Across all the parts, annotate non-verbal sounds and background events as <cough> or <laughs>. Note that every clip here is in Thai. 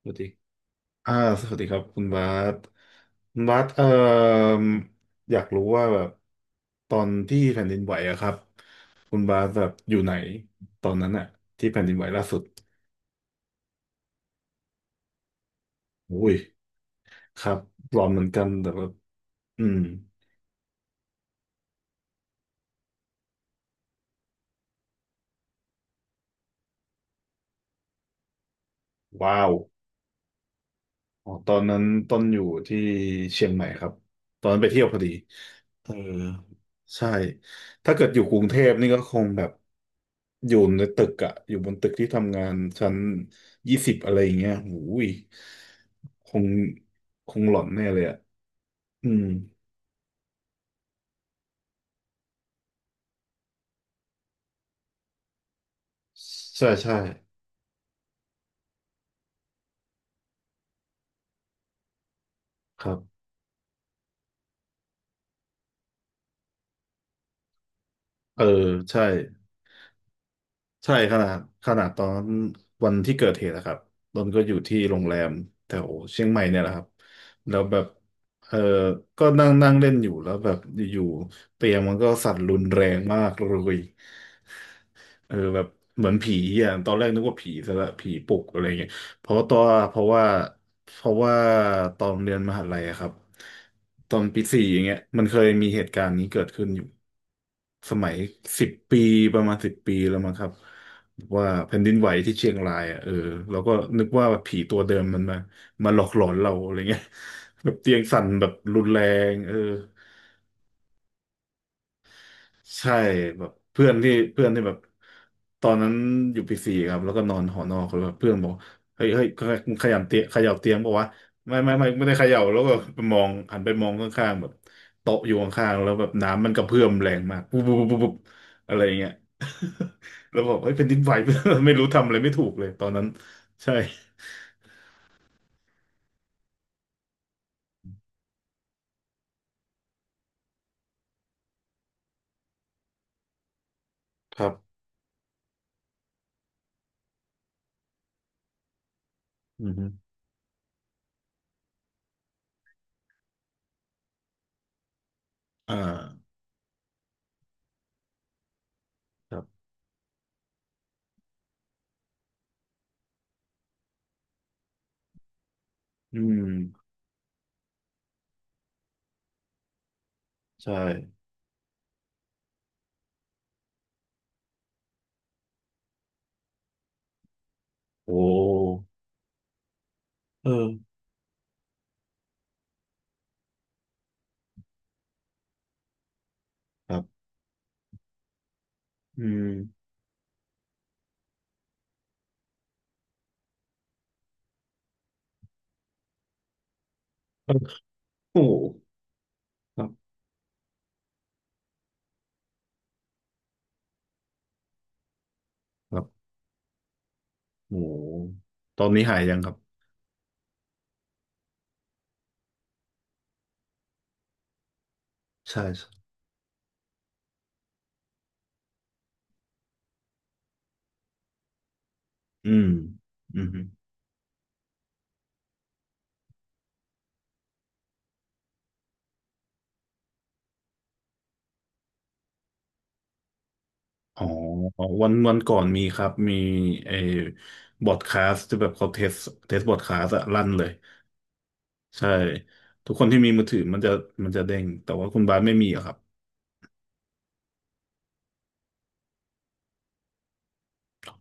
สวัสดีอ่าสวัสดีครับคุณบาสคุณบาสอยากรู้ว่าแบบตอนที่แผ่นดินไหวอะครับ คุณบาสแบบอยู่ไหนตอนนั้นอะที่แผ่นดินไหวล่าสุดอุ้ยครับหลอนเหมือนกันแต่แบบอืมว้าว อ๋อตอนนั้นต้นอยู่ที่เชียงใหม่ครับตอนนั้นไปเที่ยวพอดีเออใช่ถ้าเกิดอยู่กรุงเทพนี่ก็คงแบบอยู่ในตึกอะอยู่บนตึกที่ทำงานชั้นยี่สิบอะไรอย่างเงี้ยหูยคงคงหลอนแน่เลยอะอืมใช่ใช่ครับเออใช่ ใช่ขนาดขนาดตอนวันที่เกิดเหตุนะครับนนท์ก็อยู่ที่โรงแรมแถวเชียงใหม่เนี่ยแหละครับ แล้วแบบเออก็นั่งนั่งเล่นอยู่แล้วแบบอยู่ๆเตียงมันก็สั่นรุนแรงมากเลย เออแบบเหมือนผีอ่ะตอนแรกนึกว่าผีซะละผีปลุกอะไรเงี้ยเพราะตัวเพราะว่าเพราะว่าตอนเรียนมหาลัยอะครับตอนปีสี่อย่างเงี้ยมันเคยมีเหตุการณ์นี้เกิดขึ้นอยู่สมัยสิบปีประมาณสิบปีแล้วมั้งครับว่าแผ่นดินไหวที่เชียงรายอ่ะเออเราก็นึกว่าผีตัวเดิมมันมามาหลอกหลอนเราอะไรเงี้ยแบบเตียงสั่นแบบรุนแรงเออ ใช่แบบเพื่อนที่แบบตอนนั้นอยู่ปีสี่ครับแล้วก็นอนหอนอกแล้วแบบเพื่อนบอกเฮ้ยเฮ้ยมึงขยับเตียงขยับเตียงบอกว่าไม่ได้เขย่าแล้วก็ไปมองหันไปมองข้างๆแบบโต๊ะอยู่ข้างๆแล้วแบบน้ำมันกระเพื่อมแรงมากปุ๊บปุ๊บปุ๊บปุ๊บอะไรอย่างเงี้ย <laughs> แล้วบอกเฮ้ยเป็นดินไหว <laughs> ไม่รู้ทำอะไรไม่ถูกเลยตอนนั้นใช่ครับอือฮึอ่าครับอืมใช่โอ้เออครับอืมโอ้ครับ ครับโอ้โหตอนนี้หายยังครับใช่ใช่อืมอืมอ๋อวันก่อนมีครับมีไอ้บอร์ดคาสที่แบบเขาเทสบอร์ดคาสอะลั่นเลยใช่ทุกคนที่มีมือถือมันจะเด้งแต่ว่าคุณบาสไม่มีอะครับ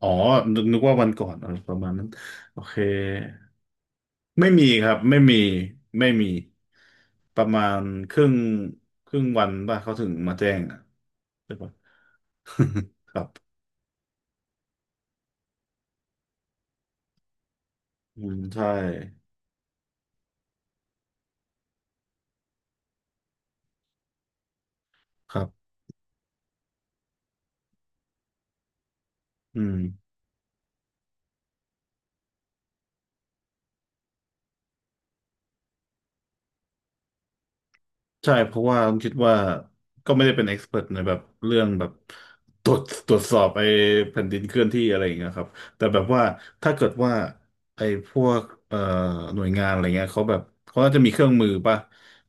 อ๋อนึกว่าวันก่อนอะไรประมาณนั้นโอเคไม่มีครับไม่มีไม่มีประมาณครึ่งครึ่งวันป่ะเขาถึงมาแจ้งอะใช่ปะ <laughs> อืมใช่ ครับอืมใช่เพราะว่าผมคิดว่าก็ไม่ได้เป็นเอ็กซ์เพรในแบบเรื่องแบบตรวจตรวจสอบไอ้แผ่นดินเคลื่อนที่อะไรอย่างเงี้ยครับแต่แบบว่าถ้าเกิดว่าไอ้พวกเอ่อหน่วยงานอะไรเงี้ยเขาแบบเขาน่าจะมีเครื่องมือป่ะ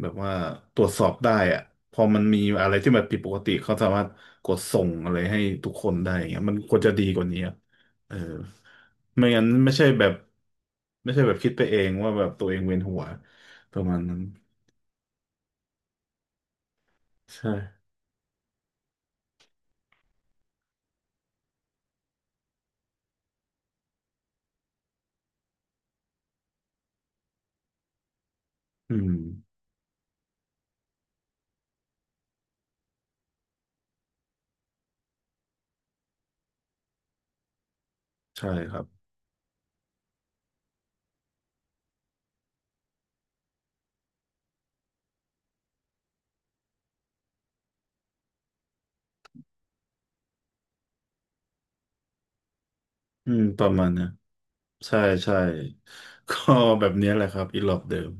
แบบว่าตรวจสอบได้อะพอมันมีอะไรที่มันผิดปกติเขาสามารถกดส่งอะไรให้ทุกคนได้อย่างเงี้ยมันควรจะดีกว่านี้อะเออไม่งั้นไม่ใช่แบบคิดไปเองว่าแบบตัวเองเวียนหัวประมาณนั้น ใช่อืม ใช่ครับ อืมประมาณเนี้ยใช่ใช่ก็แบบเนี้ยแหละครับอีหลอบเดิม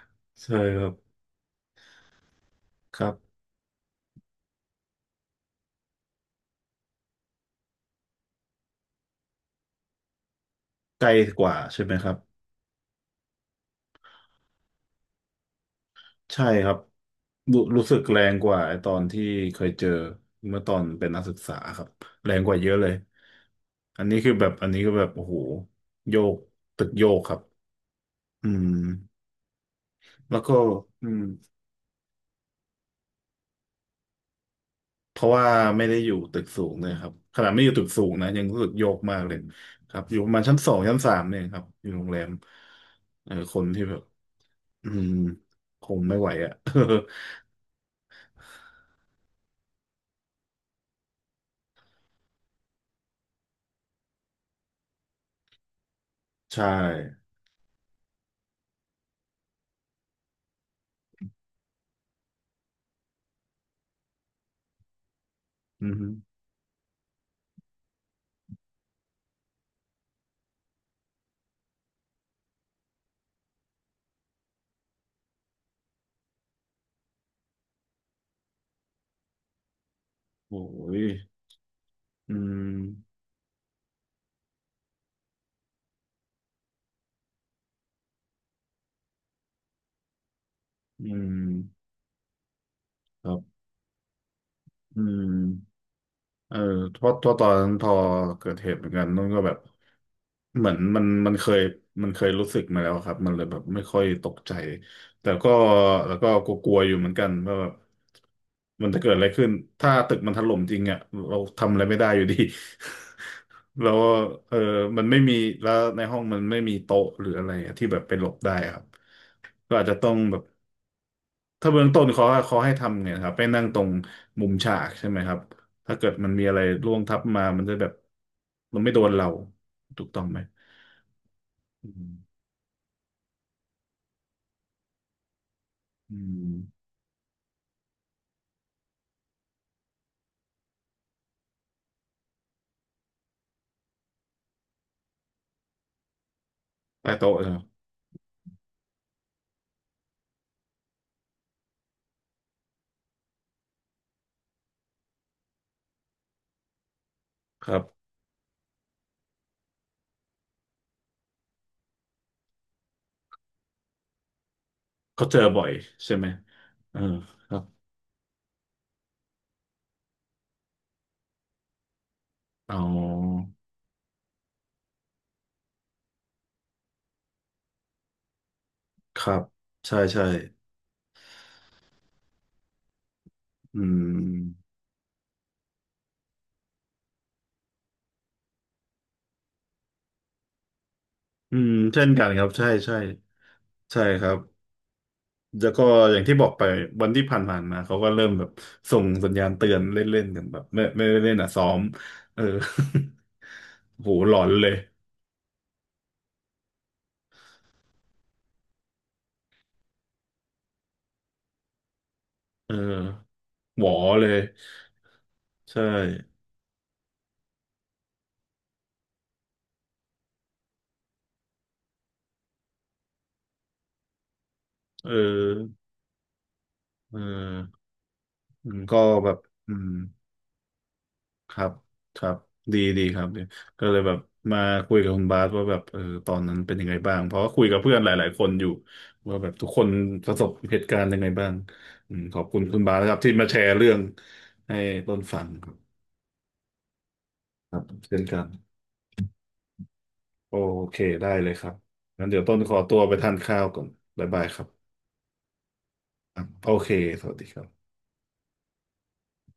<laughs> ใช่ครับครับไกลกว่าใช่ไหมครับ ใช่ครับรู้สึกแรงกว่าไอตอนที่เคยเจอเมื่อตอนเป็นนักศึกษาครับแรงกว่าเยอะเลยอันนี้คือแบบอันนี้ก็แบบโอ้โหโยกตึกโยกครับ อืม แล้วก็อืม เพราะว่าไม่ได้อยู่ตึกสูงเลยครับขนาดไม่อยู่ตึกสูงนะยังรู้สึกโยกมากเลยครับอยู่ประมาณชั้นสองชั้นสามเนี่ยครับอยู่โรงแรมเออคนที่แบบอืมคงไม่ไหวอ่ะ <laughs> ใช่อืมโอ้ยอืมอืมครับอืม เออเพราะตัวตอนนั้นพอเกิดเหตุเหมือนกันนุ่นก็แบบเหมือนมันเคยมันเคยรู้สึกมาแล้วครับมันเลยแบบไม่ค่อยตกใจแต่ก็แล้วก็กลัวๆอยู่เหมือนกันว่าแบบมันจะเกิดอะไรขึ้นถ้าตึกมันถล่มจริงอ่ะเราทำอะไรไม่ได้อยู่ดี <laughs> แล้วเออมันไม่มีแล้วในห้องมันไม่มีโต๊ะหรืออะไรอะที่แบบไปหลบได้ครับก็อาจจะต้องแบบ ถ้าเบื้องต้นเขาให้ทำเนี่ยนะครับไปนั่งตรงมุมฉากใช่ไหมครับถ้าเกิดมันมีอะไรร่วงทับมา มันจะแบบมันไม่โดนเราถูกต้องไหมอืมอืมใต้โต๊ะนะครับครับเขาเจอบ่อยใช่ไหมเออครับอ๋อครับใช่ใช่อืมอืมเช่นกันครับใช่ใช่ใช่ครับ แล้วก็อย่างที่บอกไปวันที่ผ่านๆมาเขาก็เริ่มแบบส่งสัญญาณเตือนเล่นๆกันแบบไม่ได้เล่นอ่ะซ้อมเออ <laughs> โหหลอนเลยเออหวอเลยใช่เออเอออืมก็แบบอืม ครับครับดีครับดีก็เลยแบบมาคุยกับคุณบาสว่าแบบเออตอนนั้นเป็นยังไงบ้างเพราะว่าคุยกับเพื่อนหลายๆคนอยู่ว่าแบบทุกคนประสบเหตุการณ์ยังไงบ้างอืมขอบคุณคุณบาสนะครับที่มาแชร์เรื่องให้ต้นฟังครับครับเช่นกันโอเคได้เลยครับงั้นเดี๋ยวต้นขอตัวไปทานข้าวก่อนบ๊ายบายครับครับโอเคสวัสดีครับ